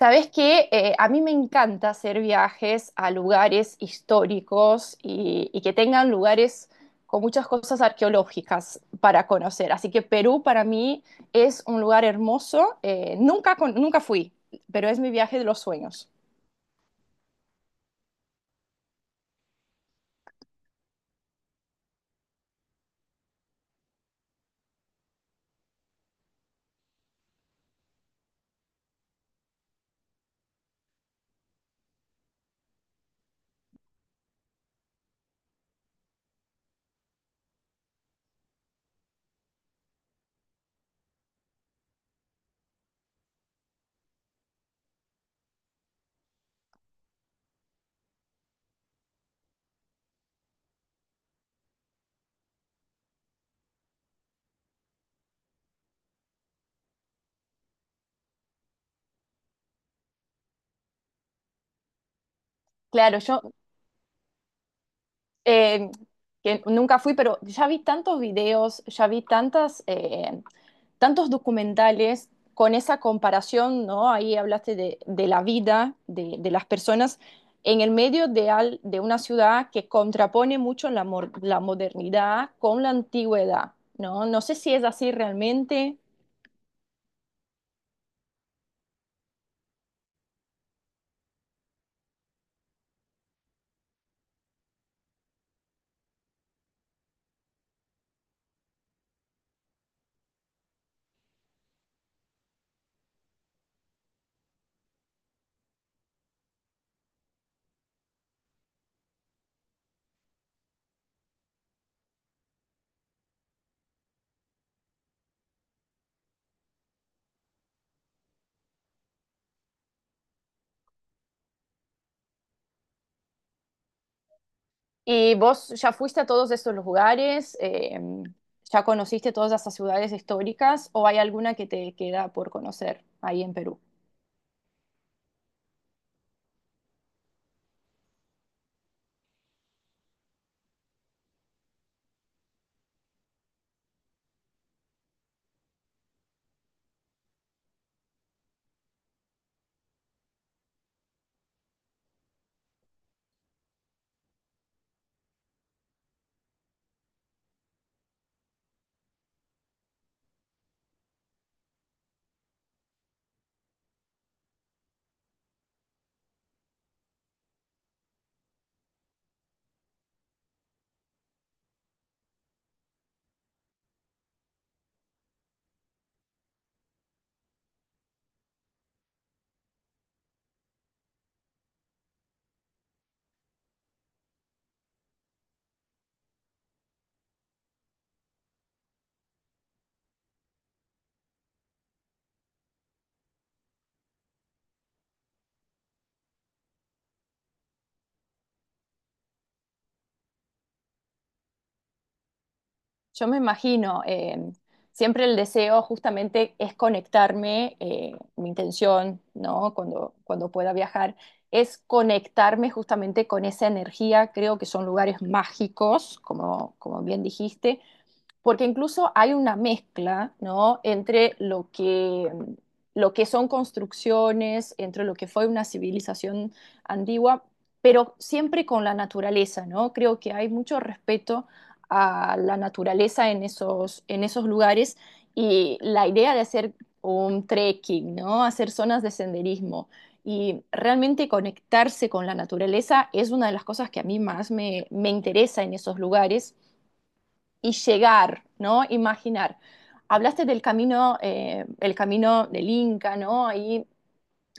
Sabes que a mí me encanta hacer viajes a lugares históricos y que tengan lugares con muchas cosas arqueológicas para conocer. Así que Perú para mí es un lugar hermoso. Nunca, nunca fui, pero es mi viaje de los sueños. Claro, yo eh, que nunca fui, pero ya vi tantos videos, ya vi tantos documentales con esa comparación, ¿no? Ahí hablaste de la vida las personas en el medio de una ciudad que contrapone mucho modernidad con la antigüedad, ¿no? No sé si es así realmente. ¿Y vos ya fuiste a todos estos lugares, ya conociste todas esas ciudades históricas, o hay alguna que te queda por conocer ahí en Perú? Yo me imagino, siempre el deseo justamente es conectarme, mi intención, ¿no? Cuando pueda viajar, es conectarme justamente con esa energía. Creo que son lugares mágicos, como bien dijiste, porque incluso hay una mezcla, ¿no? Lo que son construcciones, entre lo que fue una civilización antigua, pero siempre con la naturaleza, ¿no? Creo que hay mucho respeto a la naturaleza en esos lugares, y la idea de hacer un trekking, ¿no? Hacer zonas de senderismo y realmente conectarse con la naturaleza es una de las cosas que a mí más me interesa en esos lugares y llegar, ¿no? Imaginar. Hablaste del camino, el camino del Inca, ¿no? Ahí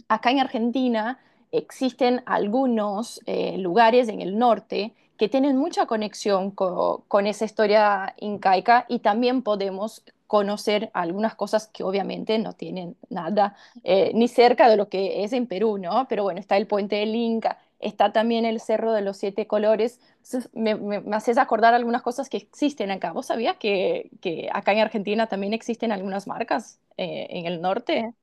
acá en Argentina existen algunos lugares en el norte que tienen mucha conexión con esa historia incaica, y también podemos conocer algunas cosas que obviamente no tienen nada ni cerca de lo que es en Perú, ¿no? Pero bueno, está el puente del Inca, está también el Cerro de los Siete Colores. Entonces, me haces acordar algunas cosas que existen acá. ¿Vos sabías que acá en Argentina también existen algunas marcas en el norte?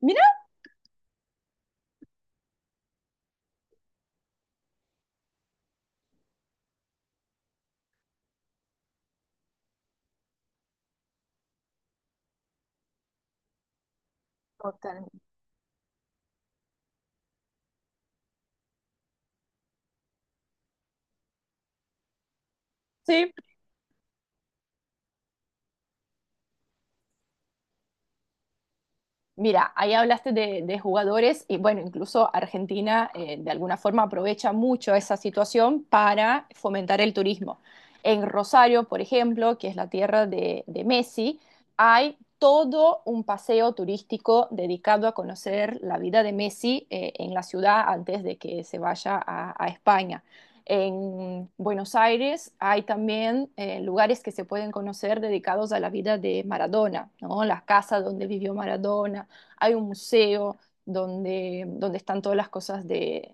Mira. Totalmente. Sí. Mira, ahí hablaste de jugadores y bueno, incluso Argentina de alguna forma aprovecha mucho esa situación para fomentar el turismo. En Rosario, por ejemplo, que es la tierra de Messi, hay todo un paseo turístico dedicado a conocer la vida de Messi en la ciudad antes de que se vaya a España. En Buenos Aires hay también lugares que se pueden conocer dedicados a la vida de Maradona, ¿no? La casa donde vivió Maradona, hay un museo donde están todas las cosas de,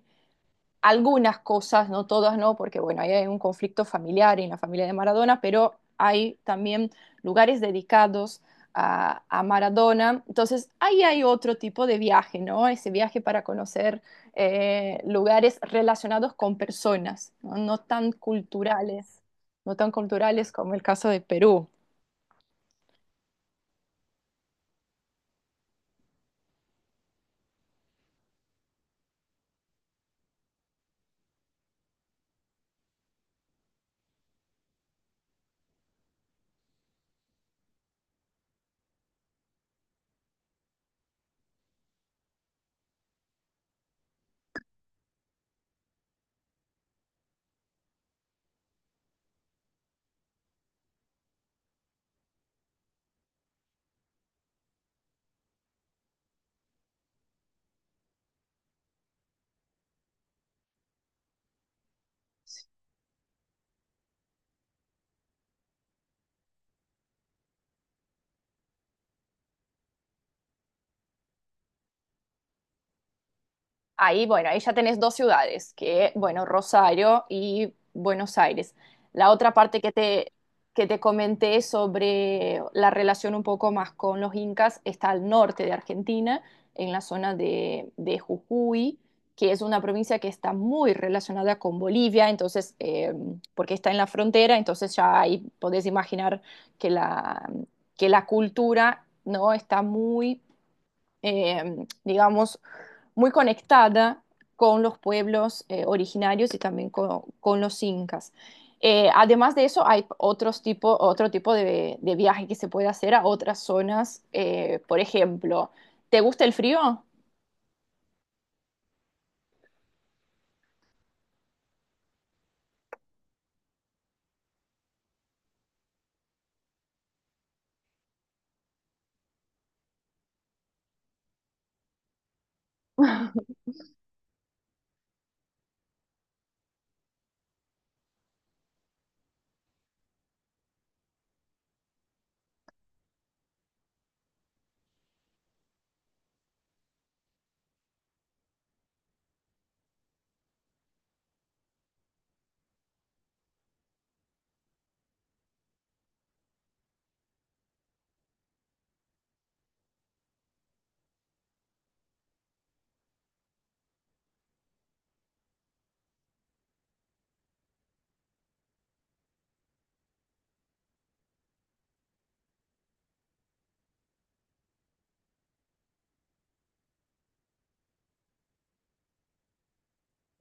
algunas cosas, no todas, no, porque bueno, ahí hay un conflicto familiar en la familia de Maradona, pero hay también lugares dedicados a Maradona. Entonces, ahí hay otro tipo de viaje, ¿no? Ese viaje para conocer lugares relacionados con personas, ¿no? No tan culturales, no tan culturales como el caso de Perú. Ahí, bueno, ahí ya tenés dos ciudades, que, bueno, Rosario y Buenos Aires. La otra parte que te comenté sobre la relación un poco más con los incas está al norte de Argentina, en la zona de Jujuy, que es una provincia que está muy relacionada con Bolivia, entonces, porque está en la frontera, entonces ya ahí podés imaginar que la, que la cultura, ¿no? Está muy, digamos, muy conectada con los pueblos originarios y también con los incas. Además de eso, hay otro tipo de viaje que se puede hacer a otras zonas. Por ejemplo, ¿te gusta el frío?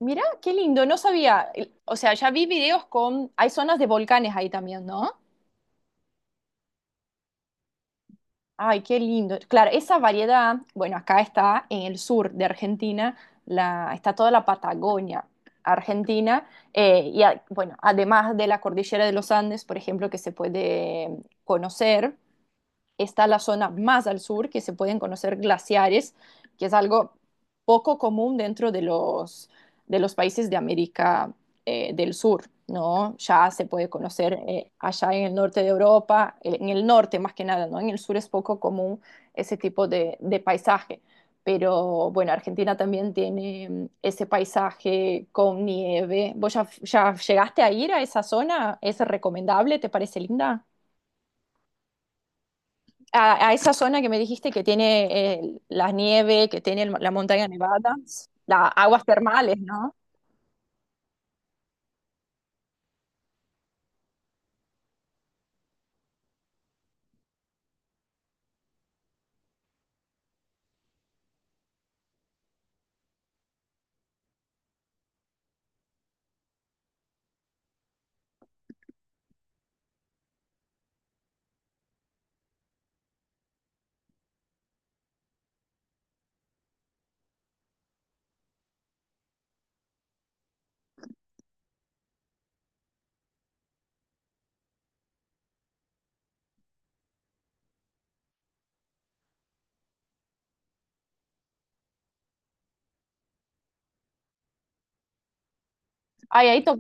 Mira, qué lindo, no sabía. ¿El, o sea, ya vi videos con hay zonas de volcanes ahí también, ¿no? Ay, qué lindo. Claro, esa variedad, bueno, acá está en el sur de Argentina, está toda la Patagonia argentina, bueno, además de la cordillera de los Andes, por ejemplo, que se puede conocer, está la zona más al sur, que se pueden conocer glaciares, que es algo poco común dentro de de los países de América del Sur, ¿no? Ya se puede conocer allá en el norte de Europa, en el norte más que nada, ¿no? En el sur es poco común ese tipo de paisaje. Pero bueno, Argentina también tiene ese paisaje con nieve. ¿Vos ya llegaste a ir a esa zona? ¿Es recomendable? ¿Te parece linda? A, a esa zona que me dijiste que tiene la nieve, que tiene la montaña nevada, las aguas termales, ¿no? Ay,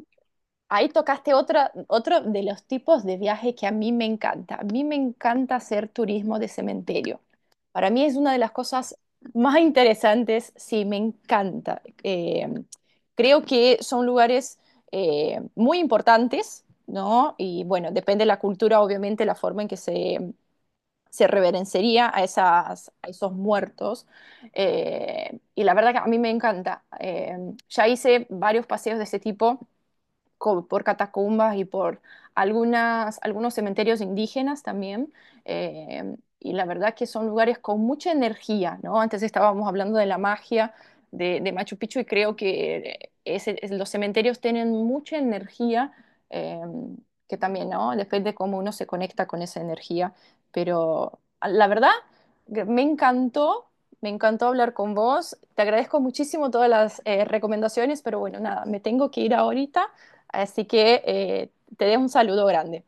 ahí tocaste otra, otro de los tipos de viajes que a mí me encanta. A mí me encanta hacer turismo de cementerio. Para mí es una de las cosas más interesantes, sí, me encanta. Creo que son lugares muy importantes, ¿no? Y bueno, depende de la cultura, obviamente, la forma en que se reverenciaría a, esas, a esos muertos. Eh, y la verdad que a mí me encanta. Ya hice varios paseos de ese tipo por catacumbas y por algunos cementerios indígenas también. Eh, y la verdad que son lugares con mucha energía, ¿no? Antes estábamos hablando de la magia de Machu Picchu, y creo que los cementerios tienen mucha energía, eh, que también, ¿no? Depende cómo uno se conecta con esa energía. Pero la verdad, que me encantó. Me encantó hablar con vos. Te agradezco muchísimo todas las recomendaciones, pero bueno, nada, me tengo que ir ahorita. Así que te dejo un saludo grande.